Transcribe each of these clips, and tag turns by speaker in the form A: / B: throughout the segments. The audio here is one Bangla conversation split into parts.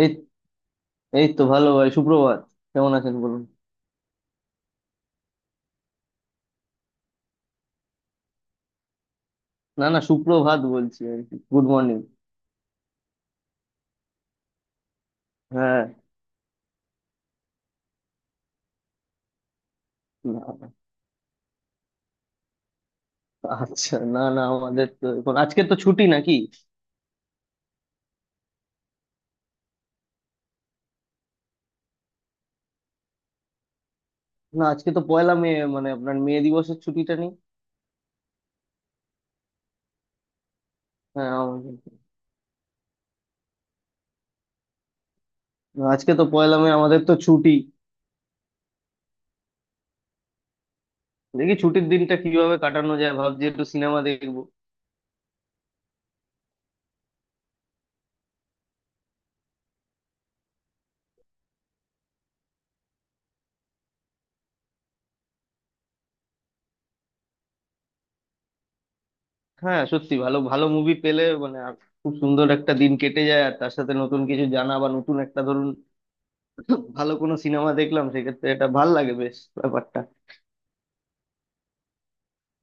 A: এই এই তো ভালো ভাই, সুপ্রভাত। কেমন আছেন বলুন? না না, সুপ্রভাত বলছি আর কি, গুড মর্নিং। হ্যাঁ। না, আচ্ছা না না, আমাদের তো এখন আজকে তো ছুটি নাকি? না, আজকে তো পয়লা মে, মানে আপনার মে দিবসের ছুটিটা নেই? হ্যাঁ আমাদের। না, আজকে তো পয়লা মে, আমাদের তো ছুটি। দেখি ছুটির দিনটা কিভাবে কাটানো যায়, ভাবছি একটু সিনেমা দেখবো। হ্যাঁ সত্যি, ভালো ভালো মুভি পেলে মানে আর খুব সুন্দর একটা দিন কেটে যায়, আর তার সাথে নতুন কিছু জানা, বা নতুন একটা, ধরুন, ভালো কোনো সিনেমা দেখলাম, সেক্ষেত্রে এটা ভাল লাগে বেশ, ব্যাপারটা।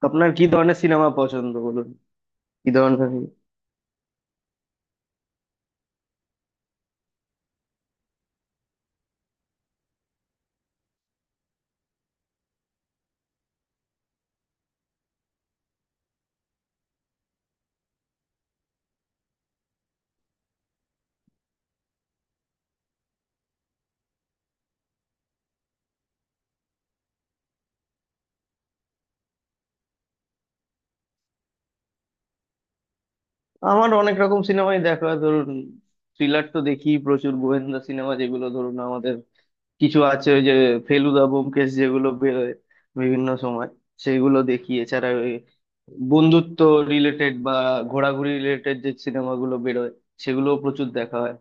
A: আপনার কি ধরনের সিনেমা পছন্দ বলুন? কি ধরনের? আমার অনেক রকম সিনেমাই দেখা হয়, ধরুন থ্রিলার তো দেখি প্রচুর, গোয়েন্দা সিনেমা, যেগুলো ধরুন আমাদের কিছু আছে ওই যে ফেলুদা ব্যোমকেশ যেগুলো বেরোয় বিভিন্ন সময়, সেগুলো দেখি। এছাড়া ওই বন্ধুত্ব রিলেটেড বা ঘোরাঘুরি রিলেটেড যে সিনেমাগুলো বেরোয় সেগুলো প্রচুর দেখা হয়।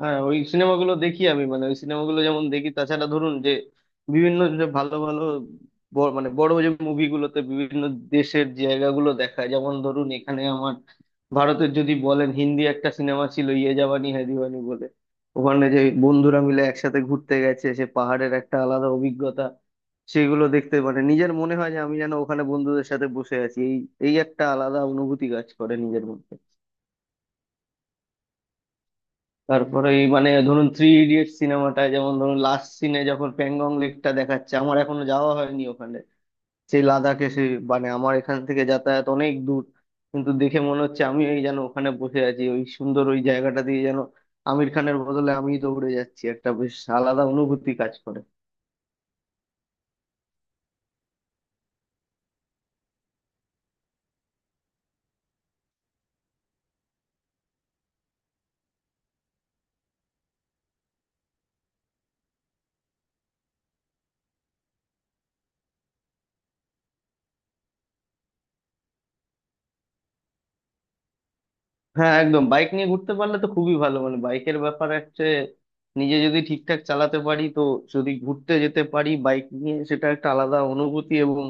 A: হ্যাঁ ওই সিনেমাগুলো দেখি আমি, মানে ওই সিনেমাগুলো যেমন দেখি, তাছাড়া ধরুন যে বিভিন্ন যে ভালো ভালো মানে বড় যে মুভিগুলোতে বিভিন্ন দেশের জায়গাগুলো দেখায়, যেমন ধরুন এখানে আমার, ভারতের যদি বলেন হিন্দি একটা সিনেমা ছিল ইয়ে জাবানি হ্যায় দিওয়ানি বলে, ওখানে যে বন্ধুরা মিলে একসাথে ঘুরতে গেছে, সে পাহাড়ের একটা আলাদা অভিজ্ঞতা, সেগুলো দেখতে মানে নিজের মনে হয় যে আমি যেন ওখানে বন্ধুদের সাথে বসে আছি, এই এই একটা আলাদা অনুভূতি কাজ করে নিজের মধ্যে। তারপরে এই মানে ধরুন থ্রি ইডিয়ট সিনেমাটা, যেমন ধরুন লাস্ট সিনে যখন প্যাংগং লেকটা দেখাচ্ছে, আমার এখনো যাওয়া হয়নি ওখানে, সেই লাদাখে সে, মানে আমার এখান থেকে যাতায়াত অনেক দূর, কিন্তু দেখে মনে হচ্ছে আমি এই যেন ওখানে বসে আছি, ওই সুন্দর ওই জায়গাটা দিয়ে যেন আমির খানের বদলে আমিই দৌড়ে যাচ্ছি, একটা বেশ আলাদা অনুভূতি কাজ করে। হ্যাঁ একদম, বাইক নিয়ে ঘুরতে পারলে তো খুবই ভালো, মানে বাইকের ব্যাপার হচ্ছে নিজে যদি ঠিকঠাক চালাতে পারি তো, যদি ঘুরতে যেতে পারি বাইক নিয়ে সেটা একটা আলাদা অনুভূতি, এবং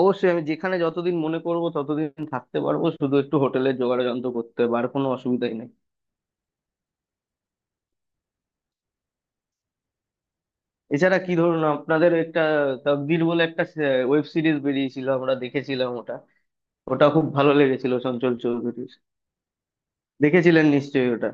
A: অবশ্যই আমি যেখানে যতদিন মনে করব ততদিন থাকতে পারবো, শুধু একটু হোটেলের জোগাড় যন্ত্র করতে হবে, আর কোনো অসুবিধাই নেই। এছাড়া কি ধরুন আপনাদের একটা তকদির বলে একটা ওয়েব সিরিজ বেরিয়েছিল, আমরা দেখেছিলাম ওটা, ওটা খুব ভালো লেগেছিল চঞ্চল চৌধুরীর, দেখেছিলেন নিশ্চয়ই ওটা।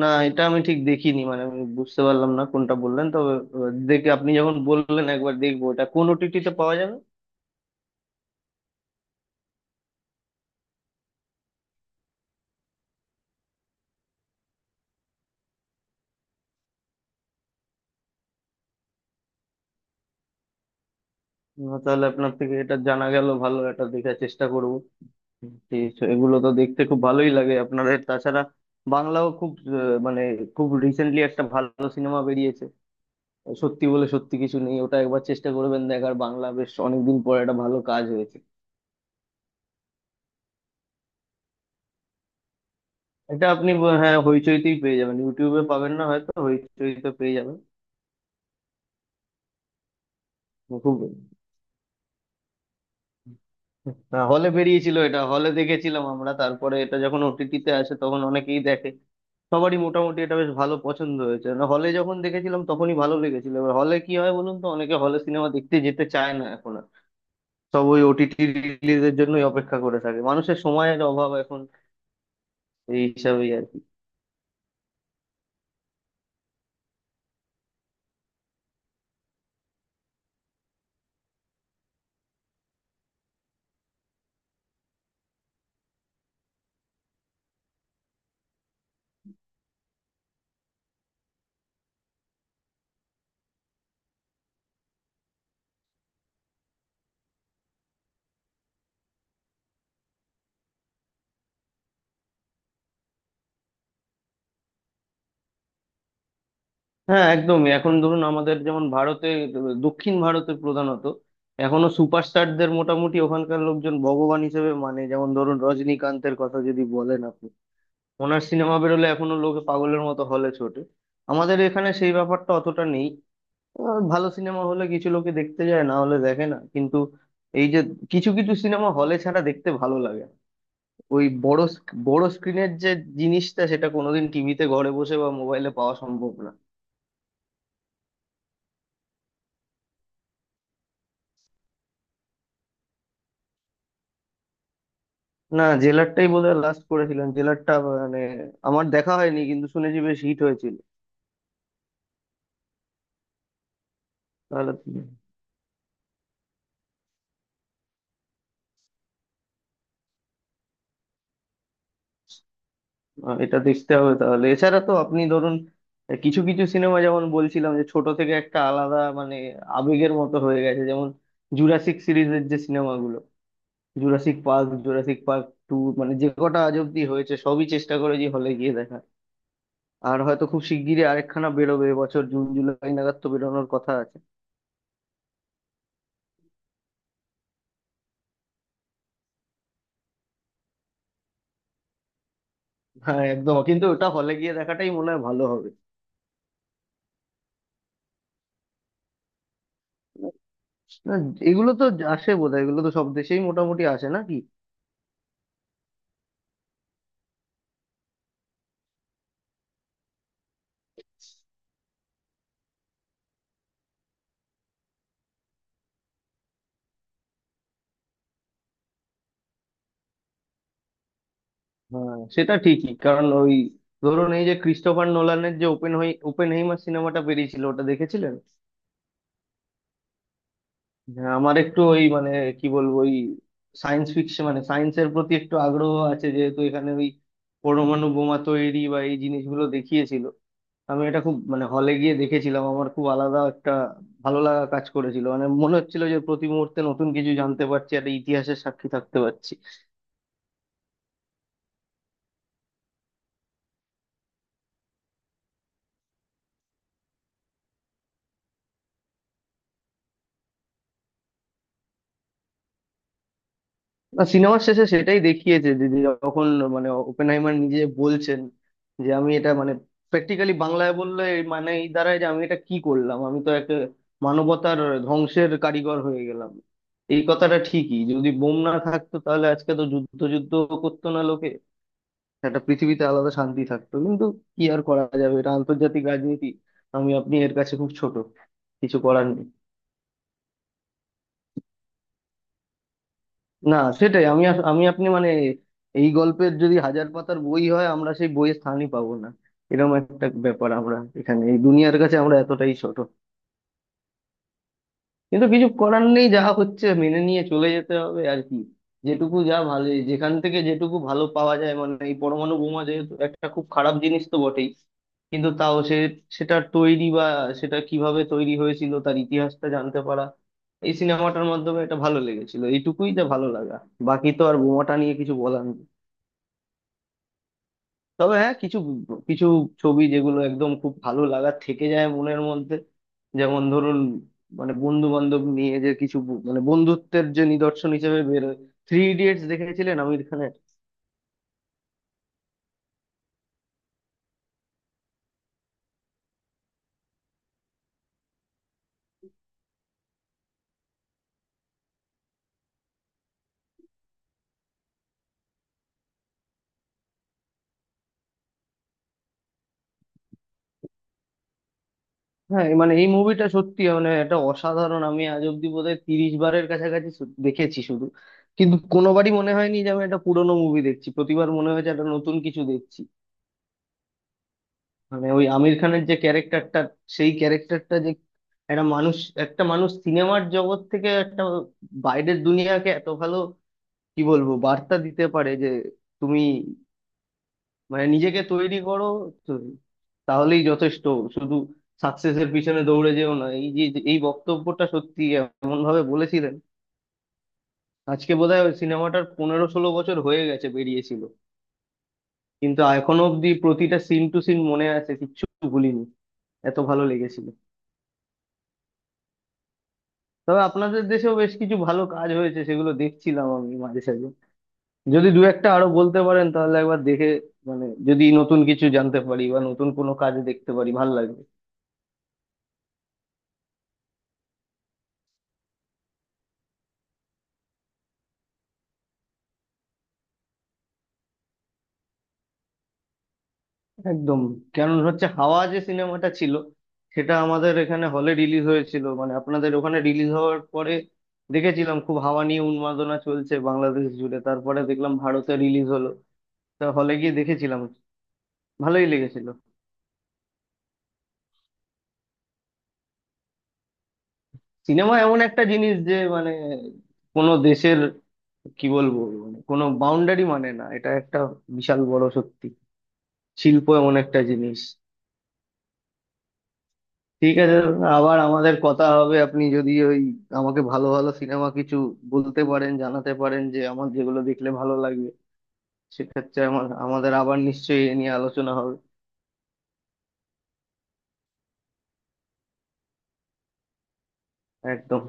A: না এটা আমি ঠিক দেখিনি, মানে আমি বুঝতে পারলাম না কোনটা বললেন, তবে দেখে, আপনি যখন বললেন, একবার দেখবো, এটা কোন ওটিটিতে পাওয়া যাবে? না, তাহলে আপনার থেকে এটা জানা গেল ভালো, এটা দেখার চেষ্টা করবো। ঠিক আছে, এগুলো তো দেখতে খুব ভালোই লাগে আপনাদের। তাছাড়া বাংলাও খুব আহ, মানে খুব রিসেন্টলি একটা ভালো সিনেমা বেরিয়েছে, সত্যি বলে সত্যি কিছু নেই, ওটা একবার চেষ্টা করবেন দেখার, বাংলা বেশ অনেকদিন পর একটা ভালো কাজ হয়েছে। এটা আপনি হ্যাঁ, হইচইতেই পেয়ে যাবেন, ইউটিউবে পাবেন না হয়তো, হইচইতে পেয়ে যাবেন। খুব, না হলে বেরিয়েছিল এটা, হলে দেখেছিলাম আমরা, তারপরে এটা যখন ওটিটিতে আসে তখন অনেকেই দেখে, সবারই মোটামুটি এটা বেশ ভালো পছন্দ হয়েছে, না হলে যখন দেখেছিলাম তখনই ভালো লেগেছিল, এবার হলে কি হয় বলুন তো, অনেকে হলে সিনেমা দেখতে যেতে চায় না এখন আর, সব ওই ওটিটি রিলিজের জন্যই অপেক্ষা করে থাকে, মানুষের সময়ের অভাব এখন, এই হিসাবেই আর কি। হ্যাঁ একদমই, এখন ধরুন আমাদের যেমন ভারতে, দক্ষিণ ভারতে প্রধানত, এখনো সুপারস্টারদের মোটামুটি ওখানকার লোকজন ভগবান হিসেবে, মানে যেমন ধরুন রজনীকান্তের কথা যদি বলেন আপনি, ওনার সিনেমা বেরোলে এখনো লোকে পাগলের মতো হলে ছোটে, আমাদের এখানে সেই ব্যাপারটা অতটা নেই। ভালো সিনেমা হলে কিছু লোকে দেখতে যায়, না হলে দেখে না, কিন্তু এই যে কিছু কিছু সিনেমা হলে ছাড়া দেখতে ভালো লাগে না। ওই বড় স্ক্রিনের যে জিনিসটা সেটা কোনোদিন টিভিতে ঘরে বসে বা মোবাইলে পাওয়া সম্ভব না। না, জেলারটাই বোধহয় লাস্ট করেছিলাম, জেলারটা মানে আমার দেখা হয়নি, কিন্তু শুনেছি বেশ হিট হয়েছিল। তাহলে এটা দেখতে হবে তাহলে। এছাড়া তো আপনি ধরুন কিছু কিছু সিনেমা যেমন বলছিলাম, যে ছোট থেকে একটা আলাদা মানে আবেগের মতো হয়ে গেছে, যেমন জুরাসিক সিরিজের যে সিনেমাগুলো, Jurassic Park, Jurassic Park two, মানে যে কটা আজ অব্দি হয়েছে সবই চেষ্টা করেছি হলে গিয়ে দেখা, আর হয়তো খুব শিগগিরই আরেকখানা বেরোবে, এবছর জুন জুলাই নাগাদ তো বেরোনোর কথা আছে। হ্যাঁ একদম, কিন্তু ওটা হলে গিয়ে দেখাটাই মনে হয় ভালো হবে। না, এগুলো তো আসে বোধহয়, এগুলো তো সব দেশেই মোটামুটি আসে নাকি। হ্যাঁ সেটা ঠিকই, কারণ ওই ধরুন এই যে ক্রিস্টোফার নোলানের যে ওপেনহেইমার সিনেমাটা বেরিয়েছিল ওটা দেখেছিলেন। হ্যাঁ, আমার একটু ওই মানে কি বলবো ওই সায়েন্স ফিকশন মানে সায়েন্সের প্রতি একটু আগ্রহ আছে যেহেতু, এখানে ওই পরমাণু বোমা তৈরি বা এই জিনিসগুলো দেখিয়েছিল, আমি এটা খুব মানে হলে গিয়ে দেখেছিলাম, আমার খুব আলাদা একটা ভালো লাগা কাজ করেছিল, মানে মনে হচ্ছিল যে প্রতি মুহূর্তে নতুন কিছু জানতে পারছি আর ইতিহাসের সাক্ষী থাকতে পারছি। না সিনেমার শেষে সেটাই দেখিয়েছে যে যে যখন মানে ওপেনহাইমার নিজে বলছেন যে আমি এটা মানে প্র্যাকটিক্যালি বাংলায় বললে এর মানে এই দাঁড়ায় যে আমি এটা কি করলাম, আমি তো একটা মানবতার ধ্বংসের কারিগর হয়ে গেলাম। এই কথাটা ঠিকই, যদি বোম না থাকতো তাহলে আজকে তো যুদ্ধ যুদ্ধ করতো না লোকে, একটা পৃথিবীতে আলাদা শান্তি থাকতো, কিন্তু কি আর করা যাবে, এটা আন্তর্জাতিক রাজনীতি, আমি আপনি এর কাছে খুব ছোট, কিছু করার নেই। না সেটাই, আমি আপনি মানে এই গল্পের যদি হাজার পাতার বই হয় আমরা সেই বইয়ের স্থানই পাবো না, এরকম একটা ব্যাপার, আমরা এখানে এই দুনিয়ার কাছে আমরা এতটাই ছোট, কিন্তু কিছু করার নেই, যা হচ্ছে মেনে নিয়ে চলে যেতে হবে আর কি। যেটুকু যা ভালো, যেখান থেকে যেটুকু ভালো পাওয়া যায়, মানে এই পরমাণু বোমা যেহেতু একটা খুব খারাপ জিনিস তো বটেই, কিন্তু তাও সে, সেটা তৈরি বা সেটা কিভাবে তৈরি হয়েছিল তার ইতিহাসটা জানতে পারা এই সিনেমাটার মাধ্যমে, এটা ভালো লেগেছিল, এইটুকুই যা ভালো লাগা, বাকি তো আর বোমাটা নিয়ে কিছু বলার নেই। তবে হ্যাঁ কিছু কিছু ছবি যেগুলো একদম খুব ভালো লাগা থেকে যায় মনের মধ্যে, যেমন ধরুন মানে বন্ধু বান্ধব নিয়ে যে কিছু মানে বন্ধুত্বের যে নিদর্শন হিসেবে বেরোয়, থ্রি ইডিয়েটস দেখেছিলেন আমির খানের। হ্যাঁ এই মানে এই মুভিটা সত্যি মানে এটা অসাধারণ, আমি আজ অব্দি বোধহয় 30 বারের কাছাকাছি দেখেছি শুধু, কিন্তু কোনোবারই মনে হয়নি যে আমি একটা পুরোনো মুভি দেখছি, প্রতিবার মনে হয়েছে একটা নতুন কিছু দেখছি। মানে ওই আমির খানের যে ক্যারেক্টারটা, সেই ক্যারেক্টারটা যে একটা মানুষ, একটা মানুষ সিনেমার জগৎ থেকে একটা বাইরের দুনিয়াকে এত ভালো কি বলবো বার্তা দিতে পারে যে তুমি মানে নিজেকে তৈরি করো তো তাহলেই যথেষ্ট, শুধু সাকসেসের পিছনে দৌড়ে যেও না, এই যে যে- এই বক্তব্যটা সত্যি এমন ভাবে বলেছিলেন। আজকে বোধহয় ওই সিনেমাটার 15-16 বছর হয়ে গেছে বেরিয়েছিল, কিন্তু এখনো অব্দি প্রতিটা সিন টু সিন মনে আছে, কিচ্ছু ভুলিনি, এত ভালো লেগেছিল। তবে আপনাদের দেশেও বেশ কিছু ভালো কাজ হয়েছে সেগুলো দেখছিলাম আমি মাঝে সাঝে, যদি দু একটা আরো বলতে পারেন তাহলে একবার দেখে, মানে যদি নতুন কিছু জানতে পারি বা নতুন কোনো কাজ দেখতে পারি ভাল লাগবে। একদম, কারণ হচ্ছে হাওয়া যে সিনেমাটা ছিল সেটা আমাদের এখানে হলে রিলিজ হয়েছিল, মানে আপনাদের ওখানে রিলিজ হওয়ার পরে দেখেছিলাম খুব হাওয়া নিয়ে উন্মাদনা চলছে বাংলাদেশ জুড়ে, তারপরে দেখলাম ভারতে রিলিজ হলো, তা হলে গিয়ে দেখেছিলাম, ভালোই লেগেছিল। সিনেমা এমন একটা জিনিস যে মানে কোনো দেশের কি বলবো মানে কোনো বাউন্ডারি মানে না, এটা একটা বিশাল বড় সত্যি, শিল্প এমন একটা জিনিস। ঠিক আছে, আবার আমাদের কথা হবে, আপনি যদি ওই আমাকে ভালো ভালো সিনেমা কিছু বলতে পারেন জানাতে পারেন যে আমার যেগুলো দেখলে ভালো লাগবে, সেক্ষেত্রে আমার আমাদের আবার নিশ্চয়ই এ নিয়ে আলোচনা হবে, একদম।